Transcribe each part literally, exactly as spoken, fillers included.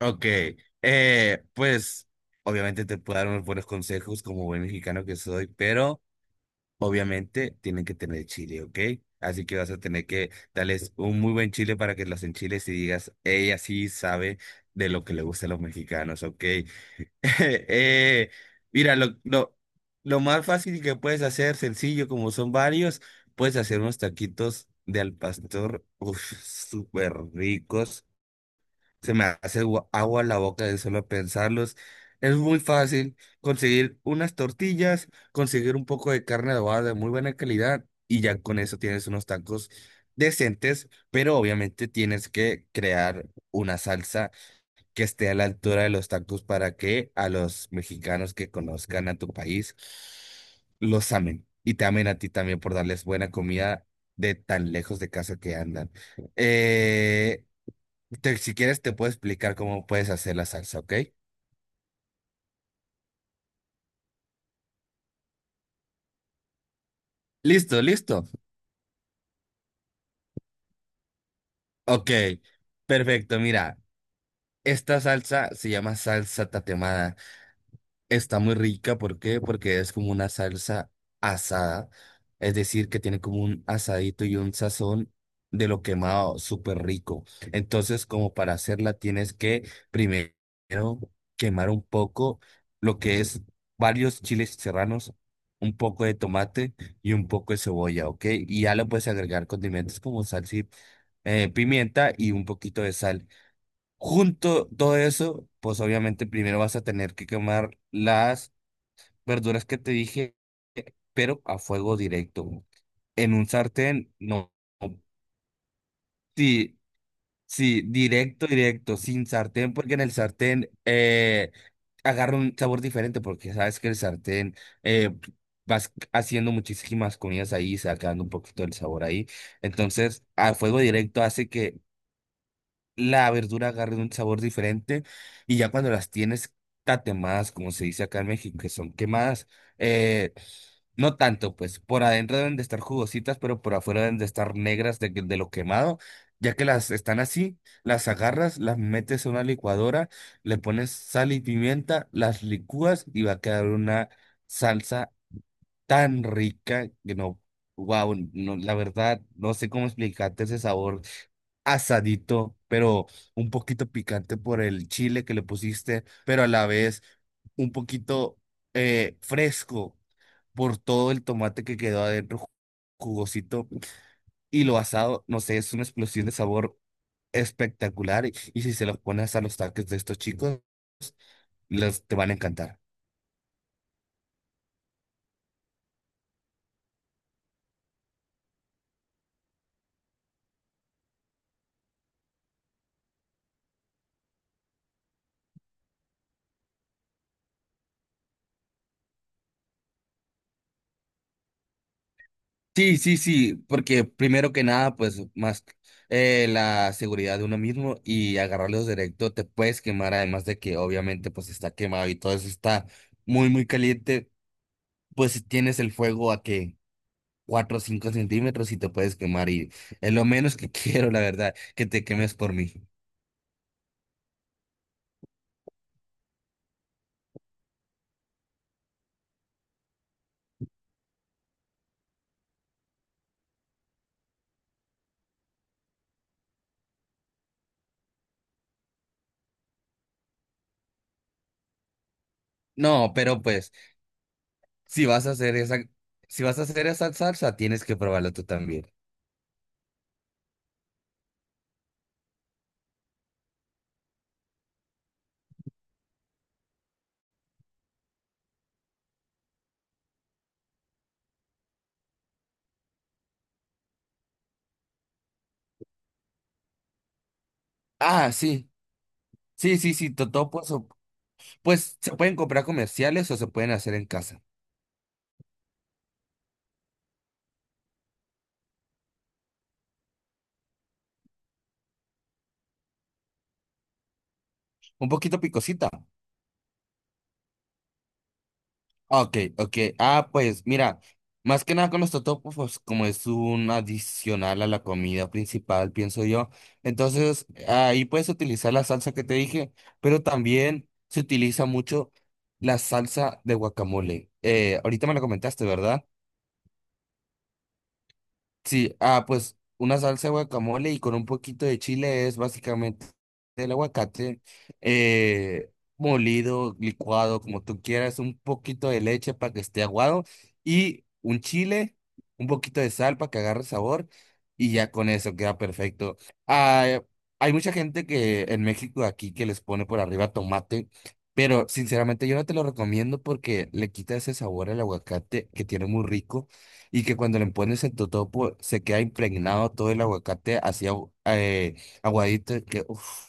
Ok, eh, pues obviamente te puedo dar unos buenos consejos como buen mexicano que soy, pero obviamente tienen que tener chile, ¿ok? Así que vas a tener que darles un muy buen chile para que los enchiles y digas, ella sí sabe de lo que le gusta a los mexicanos, ¿ok? eh, mira, lo, lo, lo más fácil que puedes hacer, sencillo, como son varios, puedes hacer unos taquitos de al pastor, uf, súper ricos, se me hace gua- agua la boca de solo pensarlos. Es muy fácil conseguir unas tortillas, conseguir un poco de carne adobada de muy buena calidad y ya con eso tienes unos tacos decentes, pero obviamente tienes que crear una salsa que esté a la altura de los tacos para que a los mexicanos que conozcan a tu país los amen y te amen a ti también por darles buena comida de tan lejos de casa que andan. Eh, te- si quieres, te puedo explicar cómo puedes hacer la salsa, ¿ok? Listo, listo. Ok, perfecto. Mira, esta salsa se llama salsa tatemada. Está muy rica, ¿por qué? Porque es como una salsa asada, es decir, que tiene como un asadito y un sazón de lo quemado, súper rico. Entonces, como para hacerla, tienes que primero quemar un poco lo que es varios chiles serranos, un poco de tomate y un poco de cebolla, ¿ok? Y ya le puedes agregar condimentos como salsa, y, eh, pimienta y un poquito de sal. Junto todo eso, pues obviamente primero vas a tener que quemar las verduras que te dije, pero a fuego directo. En un sartén, no. Sí, sí, directo, directo, sin sartén, porque en el sartén eh, agarra un sabor diferente, porque sabes que el sartén eh, vas haciendo muchísimas comidas ahí, sacando un poquito del sabor ahí. Entonces, a fuego directo hace que la verdura agarre un sabor diferente y ya cuando las tienes tatemadas, como se dice acá en México, que son quemadas, eh, no tanto, pues por adentro deben de estar jugositas, pero por afuera deben de estar negras de, que- de lo quemado. Ya que las están así, las agarras, las metes a una licuadora, le pones sal y pimienta, las licúas y va a quedar una salsa tan rica que no, wow, no, la verdad, no sé cómo explicarte ese sabor asadito, pero un poquito picante por el chile que le pusiste, pero a la vez un poquito eh, fresco por todo el tomate que quedó adentro ju- jugosito y lo asado, no sé, es una explosión de sabor espectacular y, y si se los pones a los taques de estos chicos, les te van a encantar. Sí, sí, sí, porque primero que nada, pues más, eh, la seguridad de uno mismo y agarrarlos directo te puedes quemar, además de que obviamente pues está quemado y todo eso está muy, muy caliente, pues si tienes el fuego a que cuatro o cinco centímetros y te puedes quemar y es lo menos que quiero, la verdad, que te quemes por mí. No, pero pues si vas a hacer esa, si vas a hacer esa salsa, tienes que probarlo tú también. Ah, sí, sí, sí, sí, totopos. Pues se pueden comprar comerciales o se pueden hacer en casa. Un poquito picosita. Ah, ok, ok. Ah, pues mira, más que nada con los totopos, pues, como es un adicional a la comida principal, pienso yo. Entonces, ahí puedes utilizar la salsa que te dije, pero también se utiliza mucho la salsa de guacamole. Eh, ahorita me lo comentaste, ¿verdad? Sí, ah, pues una salsa de guacamole y con un poquito de chile es básicamente el aguacate eh, molido, licuado, como tú quieras, un poquito de leche para que esté aguado y un chile, un poquito de sal para que agarre sabor y ya con eso queda perfecto. Ah, hay mucha gente que en México aquí que les pone por arriba tomate, pero sinceramente yo no te lo recomiendo porque le quita ese sabor al aguacate que tiene muy rico y que cuando le pones en tu topo se queda impregnado todo el aguacate así agu- eh, aguadito, que uff.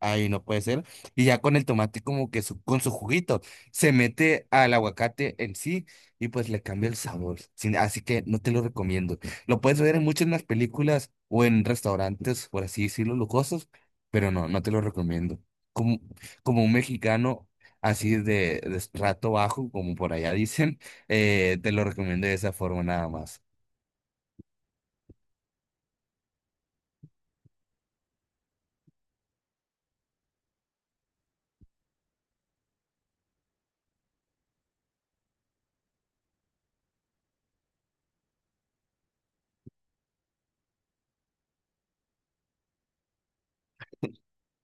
Ay, no puede ser. Y ya con el tomate como que su- con su juguito se mete al aguacate en sí y pues le cambia el sabor. Sin- así que no te lo recomiendo. Lo puedes ver en muchas más películas o en restaurantes, por así decirlo, lujosos, pero no, no te lo recomiendo. Como, como un mexicano así de, de estrato bajo, como por allá dicen, eh, te lo recomiendo de esa forma nada más.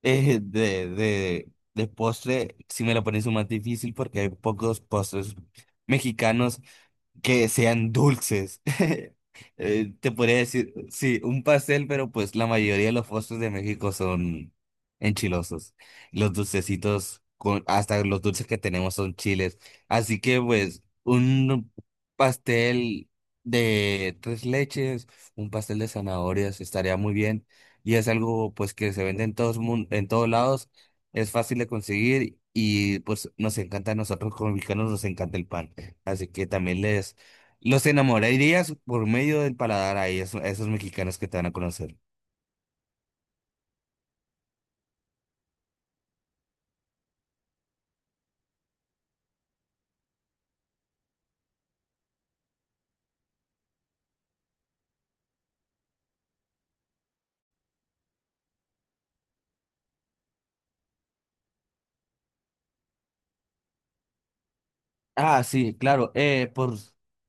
Eh, de, de, de postre, sí me la pones un más difícil porque hay pocos postres mexicanos que sean dulces. Eh, te podría decir, sí, un pastel, pero pues la mayoría de los postres de México son enchilosos. Los dulcecitos, con, hasta los dulces que tenemos son chiles. Así que pues un pastel de tres leches, un pastel de zanahorias estaría muy bien. Y es algo pues que se vende en todos, mun- en todos lados. Es fácil de conseguir y pues nos encanta a nosotros como mexicanos, nos encanta el pan. Así que también les los enamorarías por medio del paladar a ellos, a esos mexicanos que te van a conocer. Ah, sí, claro. Eh, por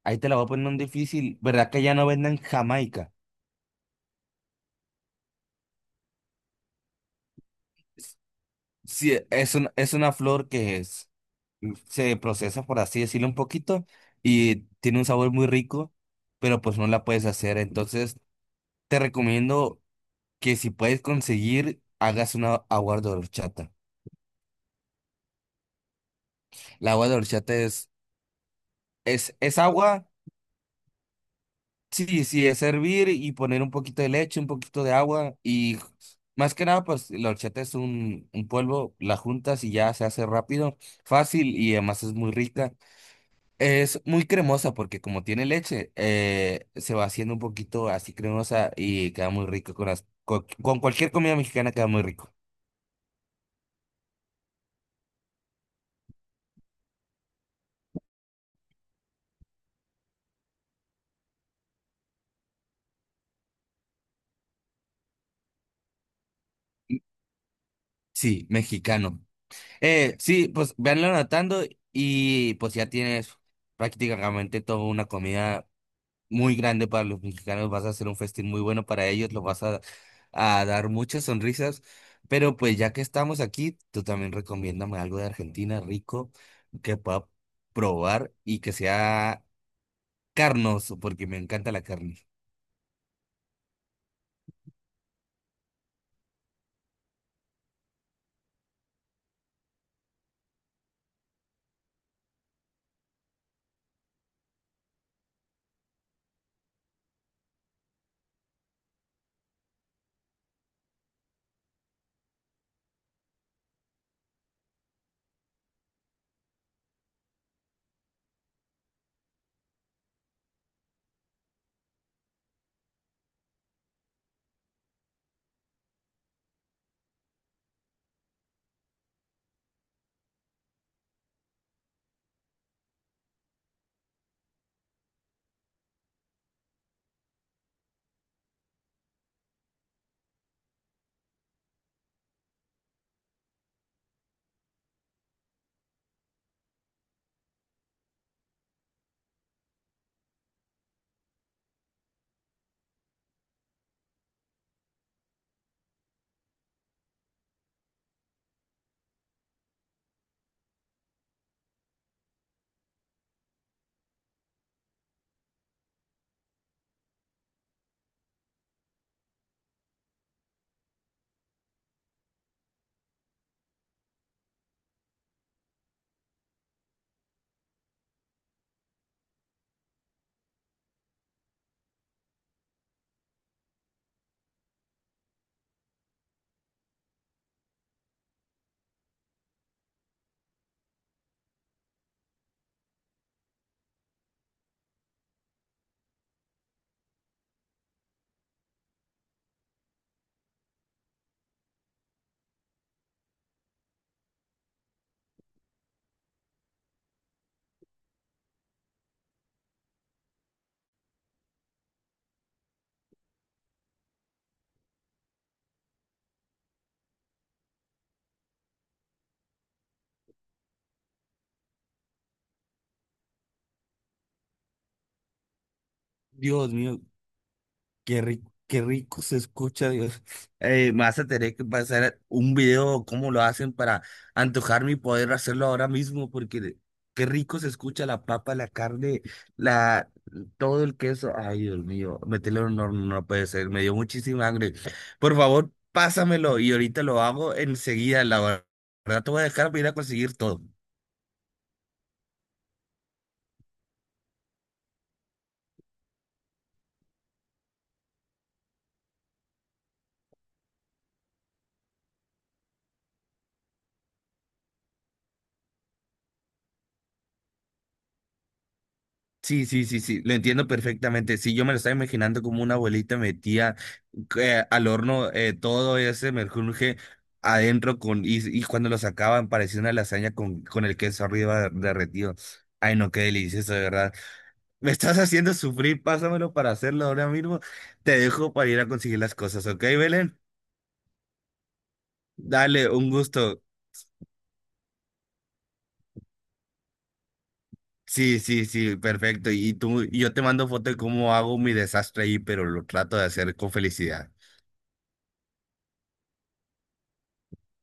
ahí te la voy a poner un difícil. ¿Verdad que ya no venden Jamaica? Sí, es un- es una flor que es- se procesa, por así decirlo, un poquito y tiene un sabor muy rico, pero pues no la puedes hacer. Entonces, te recomiendo que si puedes conseguir, hagas una agua de horchata. La agua de horchata es, es, es agua, sí, sí, es hervir y poner un poquito de leche, un poquito de agua y más que nada, pues la horchata es un, un polvo, la juntas y ya se hace rápido, fácil y además es muy rica. Es muy cremosa porque como tiene leche, eh, se va haciendo un poquito así cremosa y queda muy rico con las, co- con cualquier comida mexicana queda muy rico. Sí, mexicano. Eh, sí, pues véanlo anotando y pues ya tienes prácticamente toda una comida muy grande para los mexicanos. Vas a hacer un festín muy bueno para ellos, los vas a, a dar muchas sonrisas. Pero pues ya que estamos aquí, tú también recomiéndame algo de Argentina rico que pueda probar y que sea carnoso, porque me encanta la carne. Dios mío, qué rico, qué rico se escucha, Dios. Eh, me vas a tener que pasar un video, cómo lo hacen para antojarme y poder hacerlo ahora mismo, porque qué rico se escucha la papa, la carne, la, todo el queso. Ay, Dios mío, meterlo en un horno no puede ser, me dio muchísima hambre. Por favor, pásamelo y ahorita lo hago enseguida, la verdad. Te voy a dejar para ir a conseguir todo. Sí, sí, sí, sí, lo entiendo perfectamente. Sí, yo me lo estaba imaginando como una abuelita metía eh, al horno eh, todo ese merjunje adentro con, y, y cuando lo sacaban parecía una lasaña con, con el queso arriba der- derretido. Ay, no, qué delicioso, de verdad. Me estás haciendo sufrir, pásamelo para hacerlo ahora mismo. Te dejo para ir a conseguir las cosas, ¿ok, Belén? Dale, un gusto. Sí, sí, sí, perfecto. Y tú, y yo te mando foto de cómo hago mi desastre ahí, pero lo trato de hacer con felicidad.